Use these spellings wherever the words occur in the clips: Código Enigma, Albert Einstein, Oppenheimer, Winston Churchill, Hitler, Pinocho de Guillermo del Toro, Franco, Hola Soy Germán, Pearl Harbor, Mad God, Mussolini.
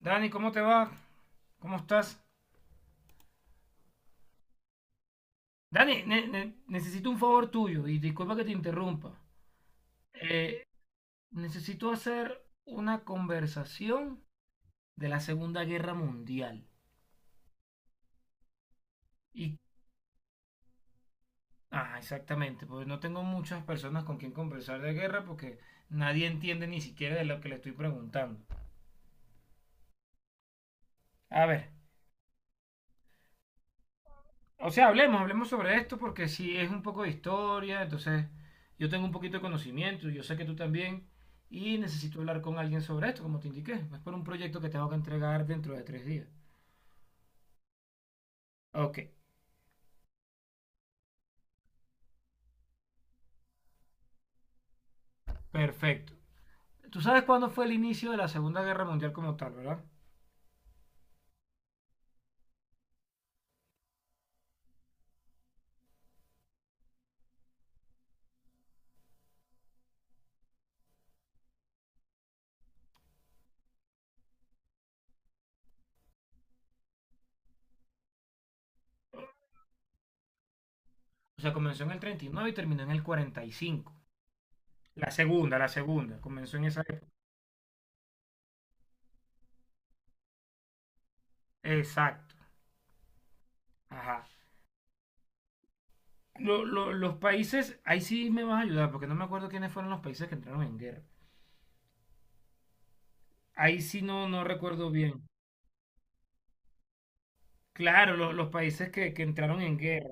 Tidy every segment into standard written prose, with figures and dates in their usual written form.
Dani, ¿cómo te va? ¿Cómo estás? Dani, necesito un favor tuyo y disculpa que te interrumpa. Eh, necesito hacer una conversación de la Segunda Guerra Mundial. Y, ah, exactamente, porque no tengo muchas personas con quien conversar de guerra porque nadie entiende ni siquiera de lo que le estoy preguntando. A ver, o sea, hablemos sobre esto porque si es un poco de historia, entonces yo tengo un poquito de conocimiento, yo sé que tú también, y necesito hablar con alguien sobre esto, como te indiqué. Es por un proyecto que tengo que entregar dentro de 3 días. Ok, perfecto. Tú sabes cuándo fue el inicio de la Segunda Guerra Mundial como tal, ¿verdad? O sea, comenzó en el 39 y terminó en el 45. La segunda, comenzó en esa época. Exacto. Ajá. Los países, ahí sí me vas a ayudar, porque no me acuerdo quiénes fueron los países que entraron en guerra. Ahí sí no, no recuerdo bien. Claro, los países que entraron en guerra.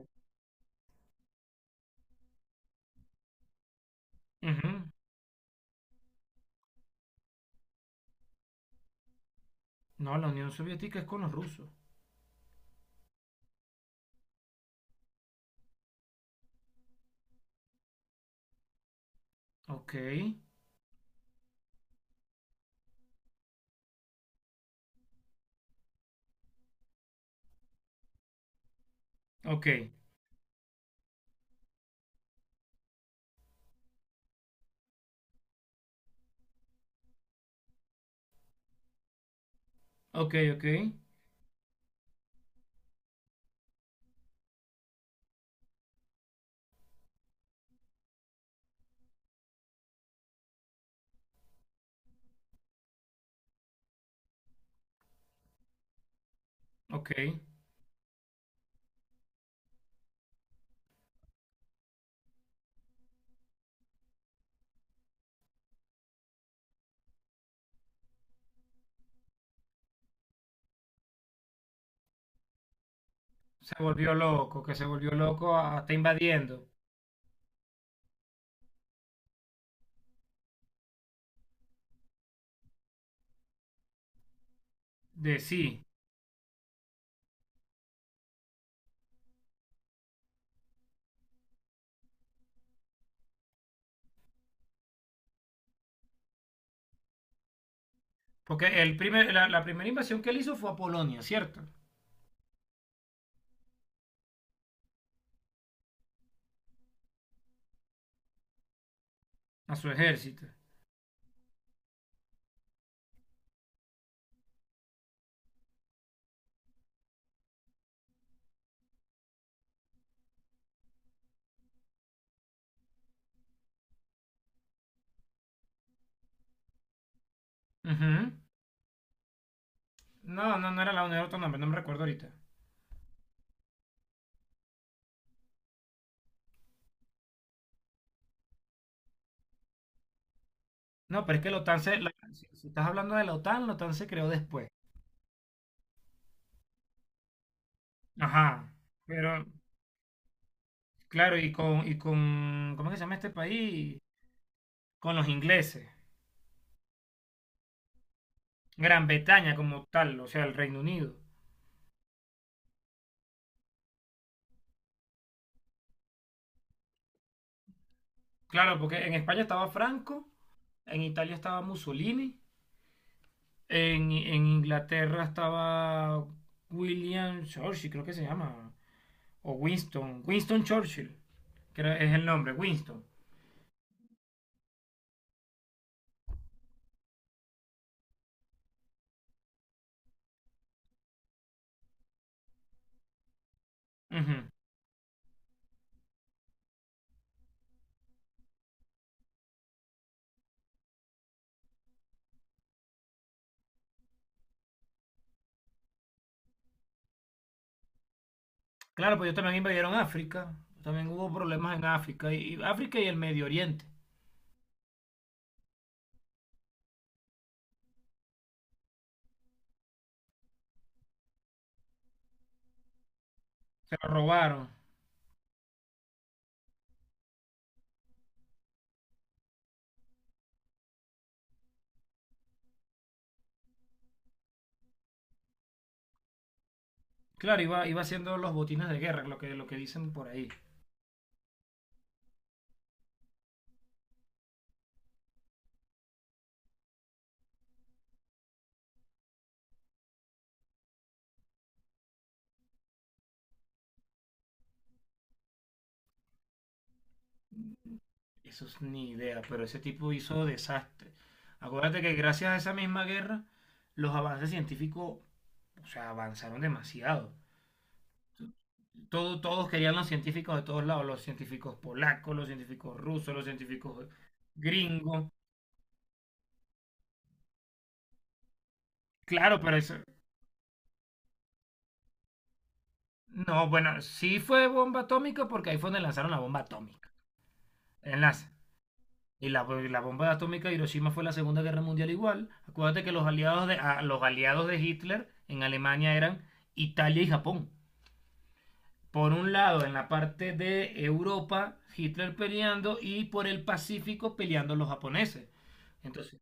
Ujú. No, la Unión Soviética es con los rusos. Ok, ok, ok, ok, ok. Se volvió loco, que se volvió loco, está invadiendo. De sí. Porque la primera invasión que él hizo fue a Polonia, ¿cierto? A su ejército. Ujú. No, no, no era la Unión Autónoma, no me recuerdo ahorita. No, pero es que la OTAN se, si estás hablando de la OTAN se creó después. Ajá. Pero claro, y con, ¿cómo es que se llama este país? Con los ingleses. Gran Bretaña como tal, o sea, el Reino Unido. Claro, porque en España estaba Franco, en Italia estaba Mussolini, en Inglaterra estaba William Churchill, creo que se llama, o Winston Churchill, es el nombre, Winston. Ujú. Claro, pues ellos también invadieron África, también hubo problemas en África, y África y el Medio Oriente. Se lo robaron. Claro, iba haciendo los botines de guerra, lo que dicen por ahí. Eso es ni idea, pero ese tipo hizo desastre. Acuérdate que gracias a esa misma guerra, los avances científicos, o sea, avanzaron demasiado. Todos querían los científicos de todos lados, los científicos polacos, los científicos rusos, los científicos gringos. Claro, pero eso... No, bueno, sí fue bomba atómica porque ahí fue donde lanzaron la bomba atómica. Enlace. Y la bomba atómica de Hiroshima fue la Segunda Guerra Mundial igual. Acuérdate que los aliados de Hitler en Alemania eran Italia y Japón. Por un lado, en la parte de Europa, Hitler peleando y por el Pacífico peleando los japoneses. Entonces,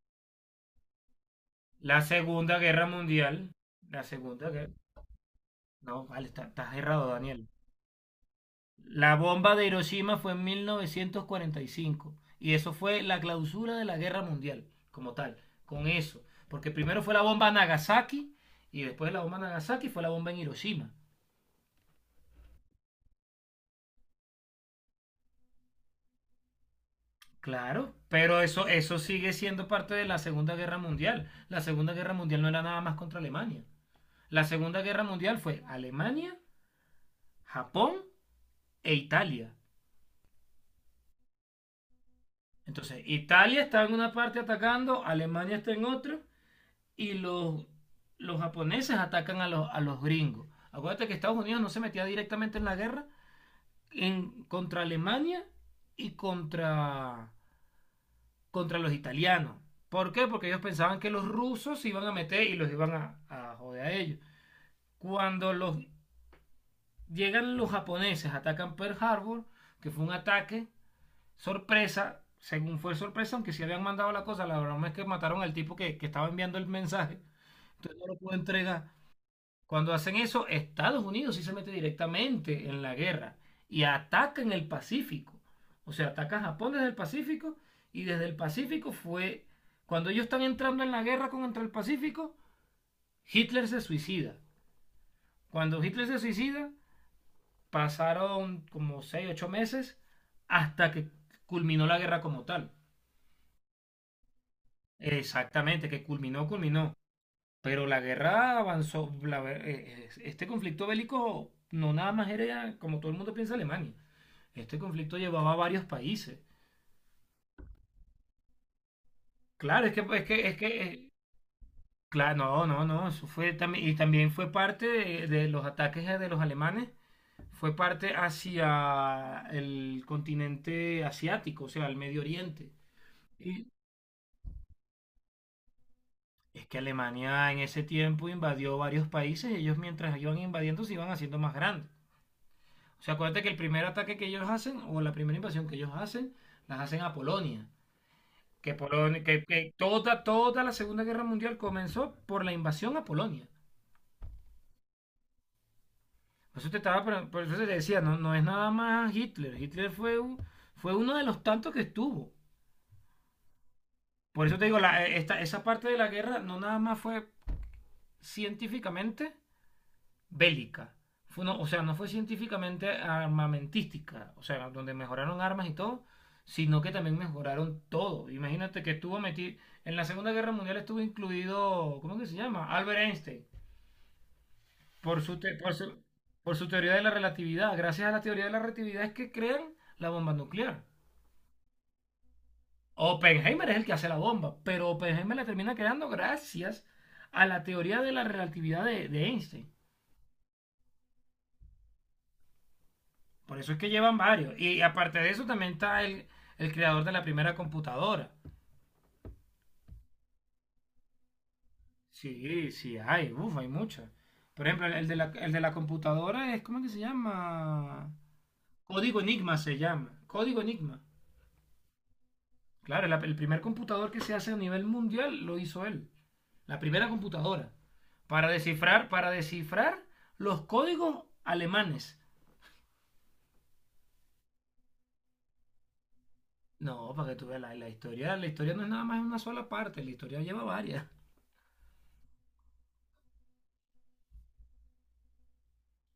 la Segunda Guerra Mundial, la Segunda Guerra... No, vale, estás errado, Daniel. La bomba de Hiroshima fue en 1945 y cinco y eso fue la clausura de la guerra mundial como tal, con eso. Porque primero fue la bomba Nagasaki y después de la bomba Nagasaki fue la bomba en Hiroshima. Claro, pero eso sigue siendo parte de la Segunda Guerra Mundial. La Segunda Guerra Mundial no era nada más contra Alemania. La Segunda Guerra Mundial fue Alemania, Japón e Italia. Entonces, Italia está en una parte atacando, Alemania está en otra, y los japoneses atacan a los gringos. Acuérdate que Estados Unidos no se metía directamente en la guerra, contra Alemania y contra los italianos. ¿Por qué? Porque ellos pensaban que los rusos se iban a meter y los iban a joder a ellos. Cuando llegan los japoneses, atacan Pearl Harbor, que fue un ataque sorpresa, según fue sorpresa, aunque sí habían mandado la cosa, la broma es que mataron al tipo que estaba enviando el mensaje, entonces no lo pudo entregar. Cuando hacen eso, Estados Unidos sí se mete directamente en la guerra y ataca en el Pacífico. O sea, ataca a Japón desde el Pacífico y desde el Pacífico fue... Cuando ellos están entrando en la guerra contra el Pacífico, Hitler se suicida. Cuando Hitler se suicida, pasaron como 6 8 meses hasta que culminó la guerra como tal. Exactamente, que culminó, culminó. Pero la guerra avanzó, este conflicto bélico no nada más era como todo el mundo piensa Alemania. Este conflicto llevaba a varios países. Claro, es que, claro, no, no, no, eso fue también, y también fue parte de los ataques de los alemanes, fue parte hacia el continente asiático, o sea, el Medio Oriente. Y es que Alemania en ese tiempo invadió varios países, y ellos mientras iban invadiendo se iban haciendo más grandes. O sea, acuérdate que el primer ataque que ellos hacen, o la primera invasión que ellos hacen, las hacen a Polonia. Que, Polonia, que toda la Segunda Guerra Mundial comenzó por la invasión a Polonia. Por eso te decía, no, no es nada más Hitler. Hitler fue uno de los tantos que estuvo. Por eso te digo, esa parte de la guerra no nada más fue científicamente, bélica. Fue no- O sea, no fue científicamente armamentística, o sea, donde mejoraron armas y todo, sino que también mejoraron todo. Imagínate que estuvo metido, en la Segunda Guerra Mundial estuvo incluido, ¿cómo que se llama? Albert Einstein, por su, te- por su teoría de la relatividad. Gracias a la teoría de la relatividad es que crean la bomba nuclear. Oppenheimer es el que hace la bomba, pero Oppenheimer la termina creando gracias a la teoría de la relatividad de Einstein. Por eso es que llevan varios. Y aparte de eso también está el creador de la primera computadora. Sí, sí, hay, uff, hay muchos. Por ejemplo, el de la computadora es, ¿cómo que se llama? Código Enigma se llama. Código Enigma. Claro, el primer computador que se hace a nivel mundial lo hizo él. La primera computadora. Para descifrar los códigos alemanes. No, para que tú veas la historia. La historia no es nada más una sola parte. La historia lleva varias.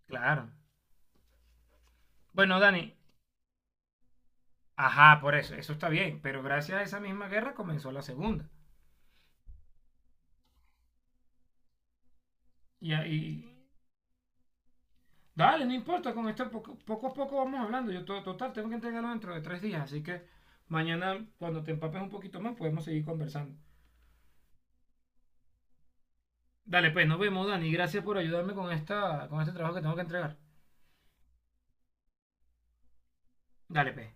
Claro. Bueno, Dani, ajá, por eso, eso está bien, pero gracias a esa misma guerra comenzó la segunda. Y ahí, dale, no importa, con esto poco, poco a poco vamos hablando. Total, tengo que entregarlo dentro de 3 días, así que mañana cuando te empapes un poquito más podemos seguir conversando. Dale, pues, nos vemos, Dani. Gracias por ayudarme con, con este trabajo que tengo que entregar. Dale, pues.